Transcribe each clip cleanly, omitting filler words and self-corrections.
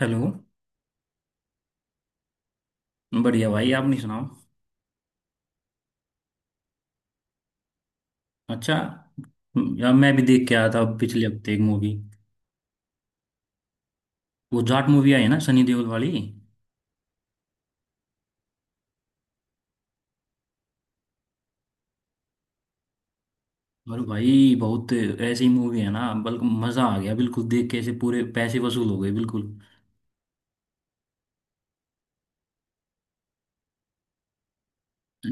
Hello. बढ़िया भाई, आप नहीं सुनाओ? अच्छा। यार मैं भी देख के आया था पिछले हफ्ते एक मूवी। वो जाट मूवी आई है ना सनी देओल वाली। और भाई बहुत ऐसी मूवी है ना, बल्कि मजा आ गया बिल्कुल देख के, ऐसे पूरे पैसे वसूल हो गए बिल्कुल।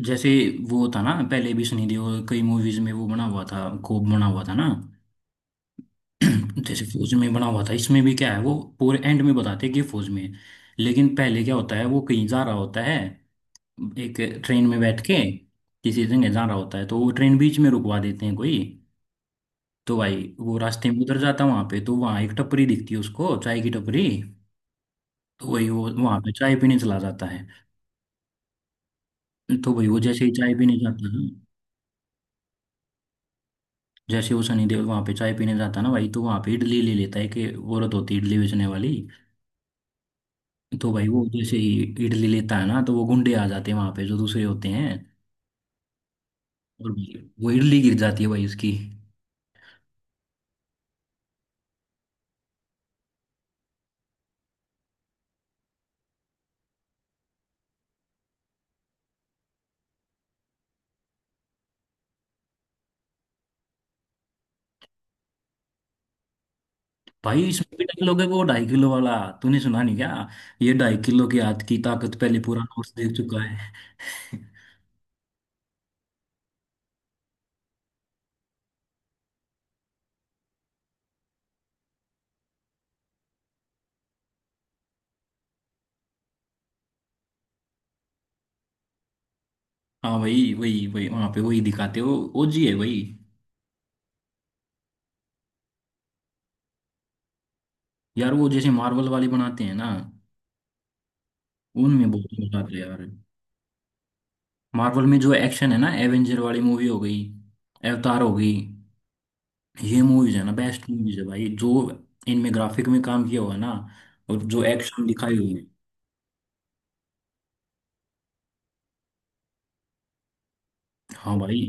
जैसे वो था ना पहले भी, सनी देओल कई मूवीज में वो बना हुआ था, कोप बना हुआ था ना। जैसे फौज में बना हुआ था, इसमें भी क्या है वो पूरे एंड में बताते हैं कि ये फौज में है। लेकिन पहले क्या होता है, वो कहीं जा रहा होता है एक ट्रेन में बैठ के, किसी जगह जा रहा होता है, तो वो ट्रेन बीच में रुकवा देते हैं कोई। तो भाई वो रास्ते में उधर जाता है वहां पे, तो वहां एक टपरी दिखती है उसको चाय की टपरी। तो वही वो वहां पे चाय पीने चला जाता है। तो भाई वो जैसे ही चाय पीने जाता है, जैसे वो सनी देओल वहां पे चाय पीने जाता है ना भाई, तो वहां पे इडली ले लेता है, कि वो औरत होती है इडली बेचने वाली। तो भाई वो जैसे ही इडली लेता है ना, तो वो गुंडे आ जाते हैं वहां पे, जो दूसरे होते हैं। और भाई वो इडली गिर जाती है भाई उसकी। भाई इसमें भी डायलॉग है वो ढाई किलो वाला। तूने सुना नहीं क्या? ये ढाई किलो के हाथ की ताकत पहले पूरा नॉर्थ देख चुका है। हाँ भाई, वही वही वहां पे वही दिखाते हो। ओजी है वही। यार वो जैसे मार्वल वाली बनाते हैं ना, उनमें बहुत मजा आता है यार। मार्वल में जो एक्शन है ना, एवेंजर वाली मूवी हो गई, अवतार हो गई, ये मूवीज है ना बेस्ट मूवीज है भाई। जो इनमें ग्राफिक में काम किया हुआ है ना, और जो एक्शन दिखाई हुई है। हाँ भाई,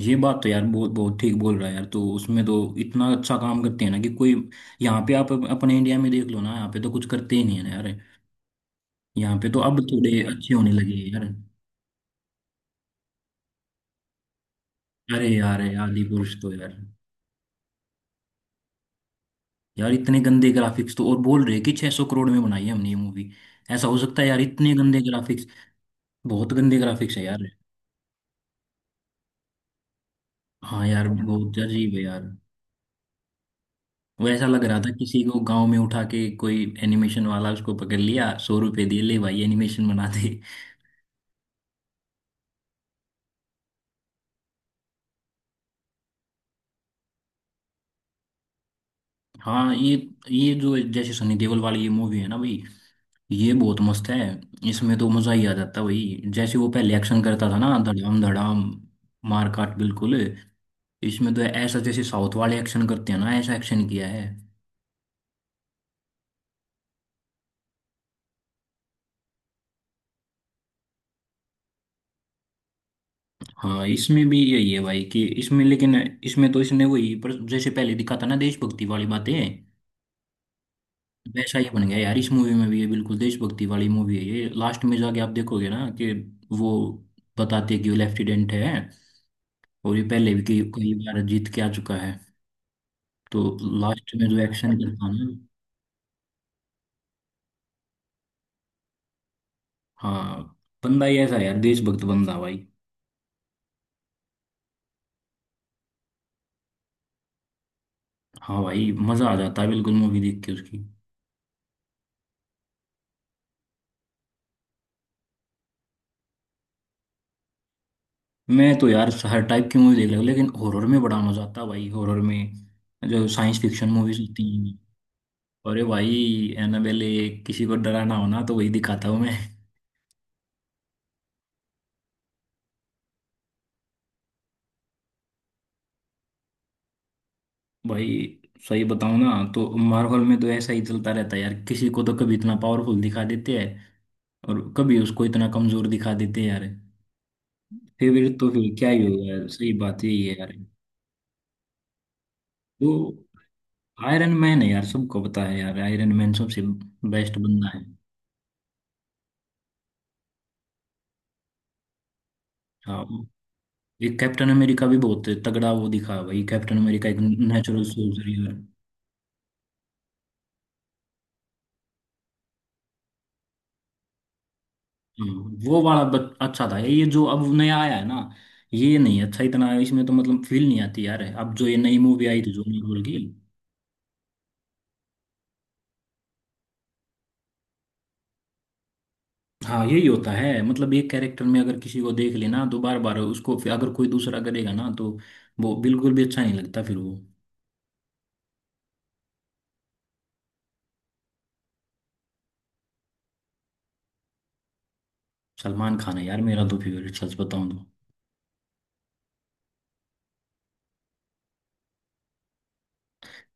ये बात तो यार बहुत बहुत ठीक बोल रहा है यार। तो उसमें तो इतना अच्छा काम करते हैं ना कि कोई। यहाँ पे आप अपने इंडिया में देख लो ना, यहाँ पे तो कुछ करते ही नहीं है ना यार। यहाँ पे तो अब थोड़े अच्छे होने लगे हैं यार। अरे यार, यार आदिपुरुष तो यार, यार इतने गंदे ग्राफिक्स, तो और बोल रहे हैं कि 600 करोड़ में बनाई है हमने ये मूवी। ऐसा हो सकता है यार इतने गंदे ग्राफिक्स? बहुत गंदे ग्राफिक्स है यार। हाँ यार बहुत अजीब है यार। वो ऐसा लग रहा था किसी को गांव में उठा के कोई एनिमेशन वाला उसको पकड़ लिया, 100 रुपए दिए, ले भाई एनिमेशन बना दे। हाँ। ये जो जैसे सनी देओल वाली ये मूवी है ना भाई, ये बहुत मस्त है। इसमें तो मजा ही आ जाता है भाई। जैसे वो पहले एक्शन करता था ना, धड़ाम धड़ाम, मार काट बिल्कुल। इसमें तो ऐसा जैसे साउथ वाले एक्शन करते हैं ना, ऐसा एक्शन किया है। हाँ इसमें भी यही है भाई कि इसमें, लेकिन इसमें तो इसने वही पर जैसे पहले दिखाता ना देशभक्ति वाली बातें, वैसा ही बन गया यार। इस मूवी में भी ये बिल्कुल देशभक्ति वाली मूवी है। ये लास्ट में जाके आप देखोगे ना कि वो बताते हैं कि वो लेफ्टिनेंट है, और ये पहले भी कई कई बार जीत के आ चुका है। तो लास्ट में जो एक्शन करता है ना। हाँ बंदा ही ऐसा है यार, देशभक्त बंदा भाई। हाँ भाई मजा आ जाता है बिल्कुल मूवी देख के उसकी। मैं तो यार हर टाइप की मूवी देख रहा हूँ, लेकिन हॉरर में बड़ा मजा आता है भाई। हॉरर में जो साइंस फिक्शन मूवीज होती हैं। अरे भाई एनाबेले, किसी को डराना हो ना तो वही दिखाता हूँ मैं। भाई सही बताऊँ ना तो मार्वल में तो ऐसा ही चलता रहता है यार, किसी को तो कभी इतना पावरफुल दिखा देते हैं, और कभी उसको इतना कमजोर दिखा देते हैं यार। फेवरेट तो फिर क्या ही होगा यार, सही बात यही है यार। तो आयरन मैन है यार, सबको पता है यार आयरन मैन सबसे बेस्ट बंदा है। हाँ, ये कैप्टन अमेरिका भी बहुत तगड़ा वो दिखा है भाई। कैप्टन अमेरिका एक नेचुरल सोल्जर। वो वाला अच्छा था। ये जो अब नया आया है ना, ये नहीं अच्छा इतना, इसमें तो मतलब फील नहीं आती यार। अब जो ये नई मूवी आई थी जो मार्वल की। हाँ यही होता है, मतलब एक कैरेक्टर में अगर किसी को देख लेना, तो बार बार उसको फिर अगर कोई दूसरा करेगा ना, तो वो बिल्कुल भी अच्छा नहीं लगता फिर वो। सलमान खान है यार मेरा तो फेवरेट, सच बताऊं तो।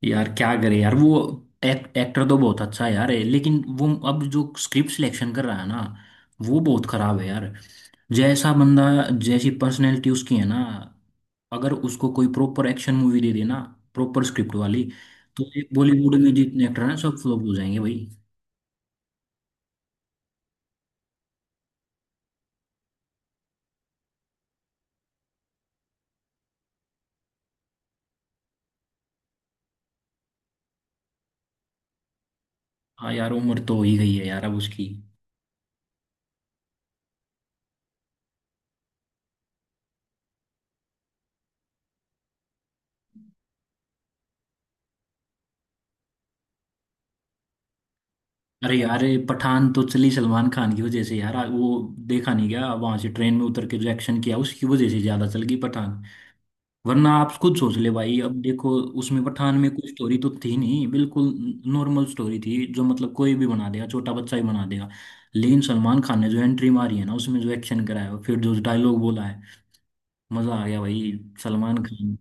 यार क्या करे यार वो। एक्टर तो बहुत अच्छा है यार है, लेकिन वो अब जो स्क्रिप्ट सिलेक्शन कर रहा है ना, वो बहुत खराब है यार। जैसा बंदा, जैसी पर्सनैलिटी उसकी है ना, अगर उसको कोई प्रॉपर एक्शन मूवी दे देना, प्रॉपर स्क्रिप्ट वाली। तो बॉलीवुड में जितने एक्टर हैं सब फ्लॉप हो जाएंगे भाई। हाँ यार उम्र तो हो ही गई है यार अब उसकी। अरे यार ये पठान तो चली सलमान खान की वजह से यार वो, देखा नहीं गया वहां से ट्रेन में उतर के जो एक्शन किया, उसकी वजह से ज्यादा चल गई पठान। वरना आप खुद सोच ले भाई, अब देखो उसमें पठान में कोई स्टोरी तो थी नहीं बिल्कुल। नॉर्मल स्टोरी थी, जो मतलब कोई भी बना देगा, छोटा बच्चा ही बना देगा। लेकिन सलमान खान ने जो एंट्री मारी है ना, उसमें जो एक्शन कराया और फिर जो डायलॉग बोला है, मजा आ गया भाई। सलमान खान।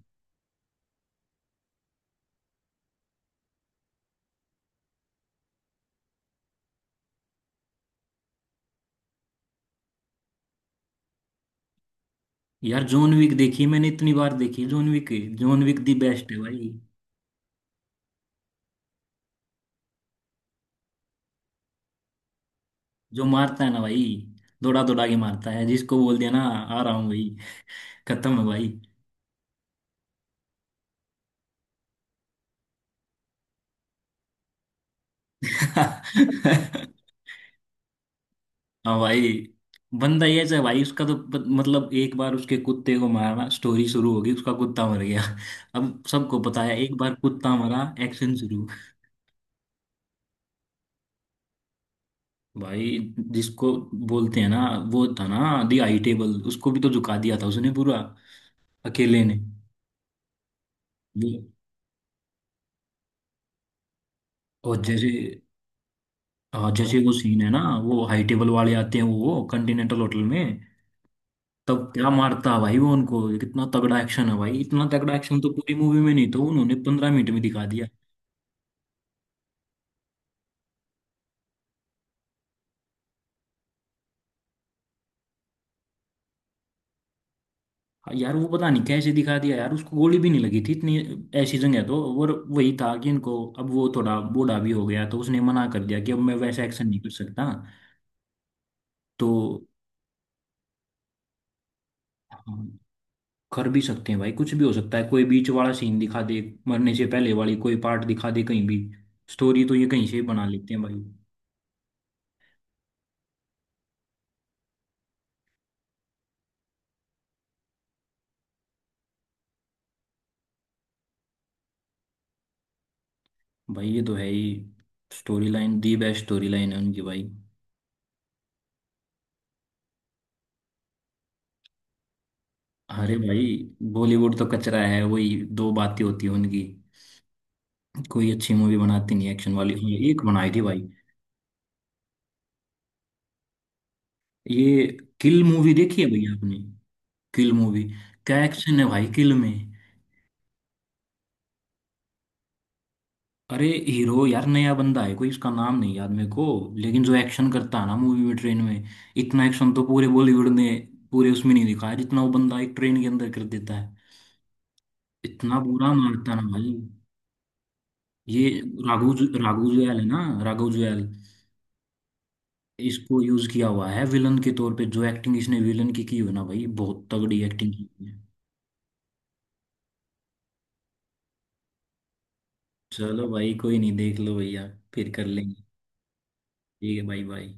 यार जॉन विक देखी मैंने, इतनी बार देखी John Wick. John Wick the best है भाई। जो मारता है ना भाई, दौड़ा दौड़ा के मारता है, जिसको बोल दिया ना आ रहा हूँ भाई, खत्म है भाई। हाँ भाई। बंदा ये है भाई उसका तो मतलब एक बार उसके कुत्ते को मारा, स्टोरी शुरू होगी, उसका कुत्ता मर गया। अब सबको पता है, एक बार कुत्ता मरा, एक्शन शुरू। भाई, जिसको बोलते हैं ना, वो था ना दी आई टेबल, उसको भी तो झुका दिया था उसने पूरा, अकेले ने। ये- और जैसे, हाँ जैसे वो सीन है ना, वो हाई टेबल वाले आते हैं वो कंटिनेंटल होटल में। तब क्या मारता भाई वो उनको, कितना तगड़ा एक्शन है भाई, इतना तगड़ा एक्शन तो पूरी मूवी में नहीं था, उन्होंने 15 मिनट में दिखा दिया। हाँ यार वो पता नहीं कैसे दिखा दिया यार, उसको गोली भी नहीं लगी थी इतनी ऐसी जगह है तो, और वही था कि इनको अब वो थोड़ा बूढ़ा भी हो गया, तो उसने मना कर दिया कि अब मैं वैसा एक्शन नहीं कर सकता। तो हम कर भी सकते हैं भाई, कुछ भी हो सकता है, कोई बीच वाला सीन दिखा दे, मरने से पहले वाली कोई पार्ट दिखा दे कहीं भी। स्टोरी तो ये कहीं से ही बना लेते हैं भाई। भाई ये तो है ही, story line the best story line है उनकी भाई। अरे भाई, बॉलीवुड तो कचरा है, वही दो बातें होती हैं उनकी, कोई अच्छी मूवी बनाती नहीं एक्शन वाली। हाँ, एक बनाई थी भाई। ये किल मूवी देखी है भैया आपने? किल मूवी, क्या एक्शन है भाई किल में। अरे हीरो यार नया बंदा है कोई, इसका नाम नहीं याद मेरे को। लेकिन जो एक्शन करता है ना मूवी में, ट्रेन में इतना एक्शन तो पूरे बॉलीवुड ने, पूरे उसमें नहीं दिखाया, जितना वो बंदा एक ट्रेन के अंदर कर देता है। इतना बुरा मारता है ना भाई। ये राघु जुयाल है ना, राघु जुयाल। इसको यूज किया हुआ है विलन के तौर पे, जो एक्टिंग इसने विलन की हो ना भाई, बहुत तगड़ी एक्टिंग की है। चलो भाई कोई नहीं, देख लो भैया, फिर कर लेंगे। ठीक है भाई भाई।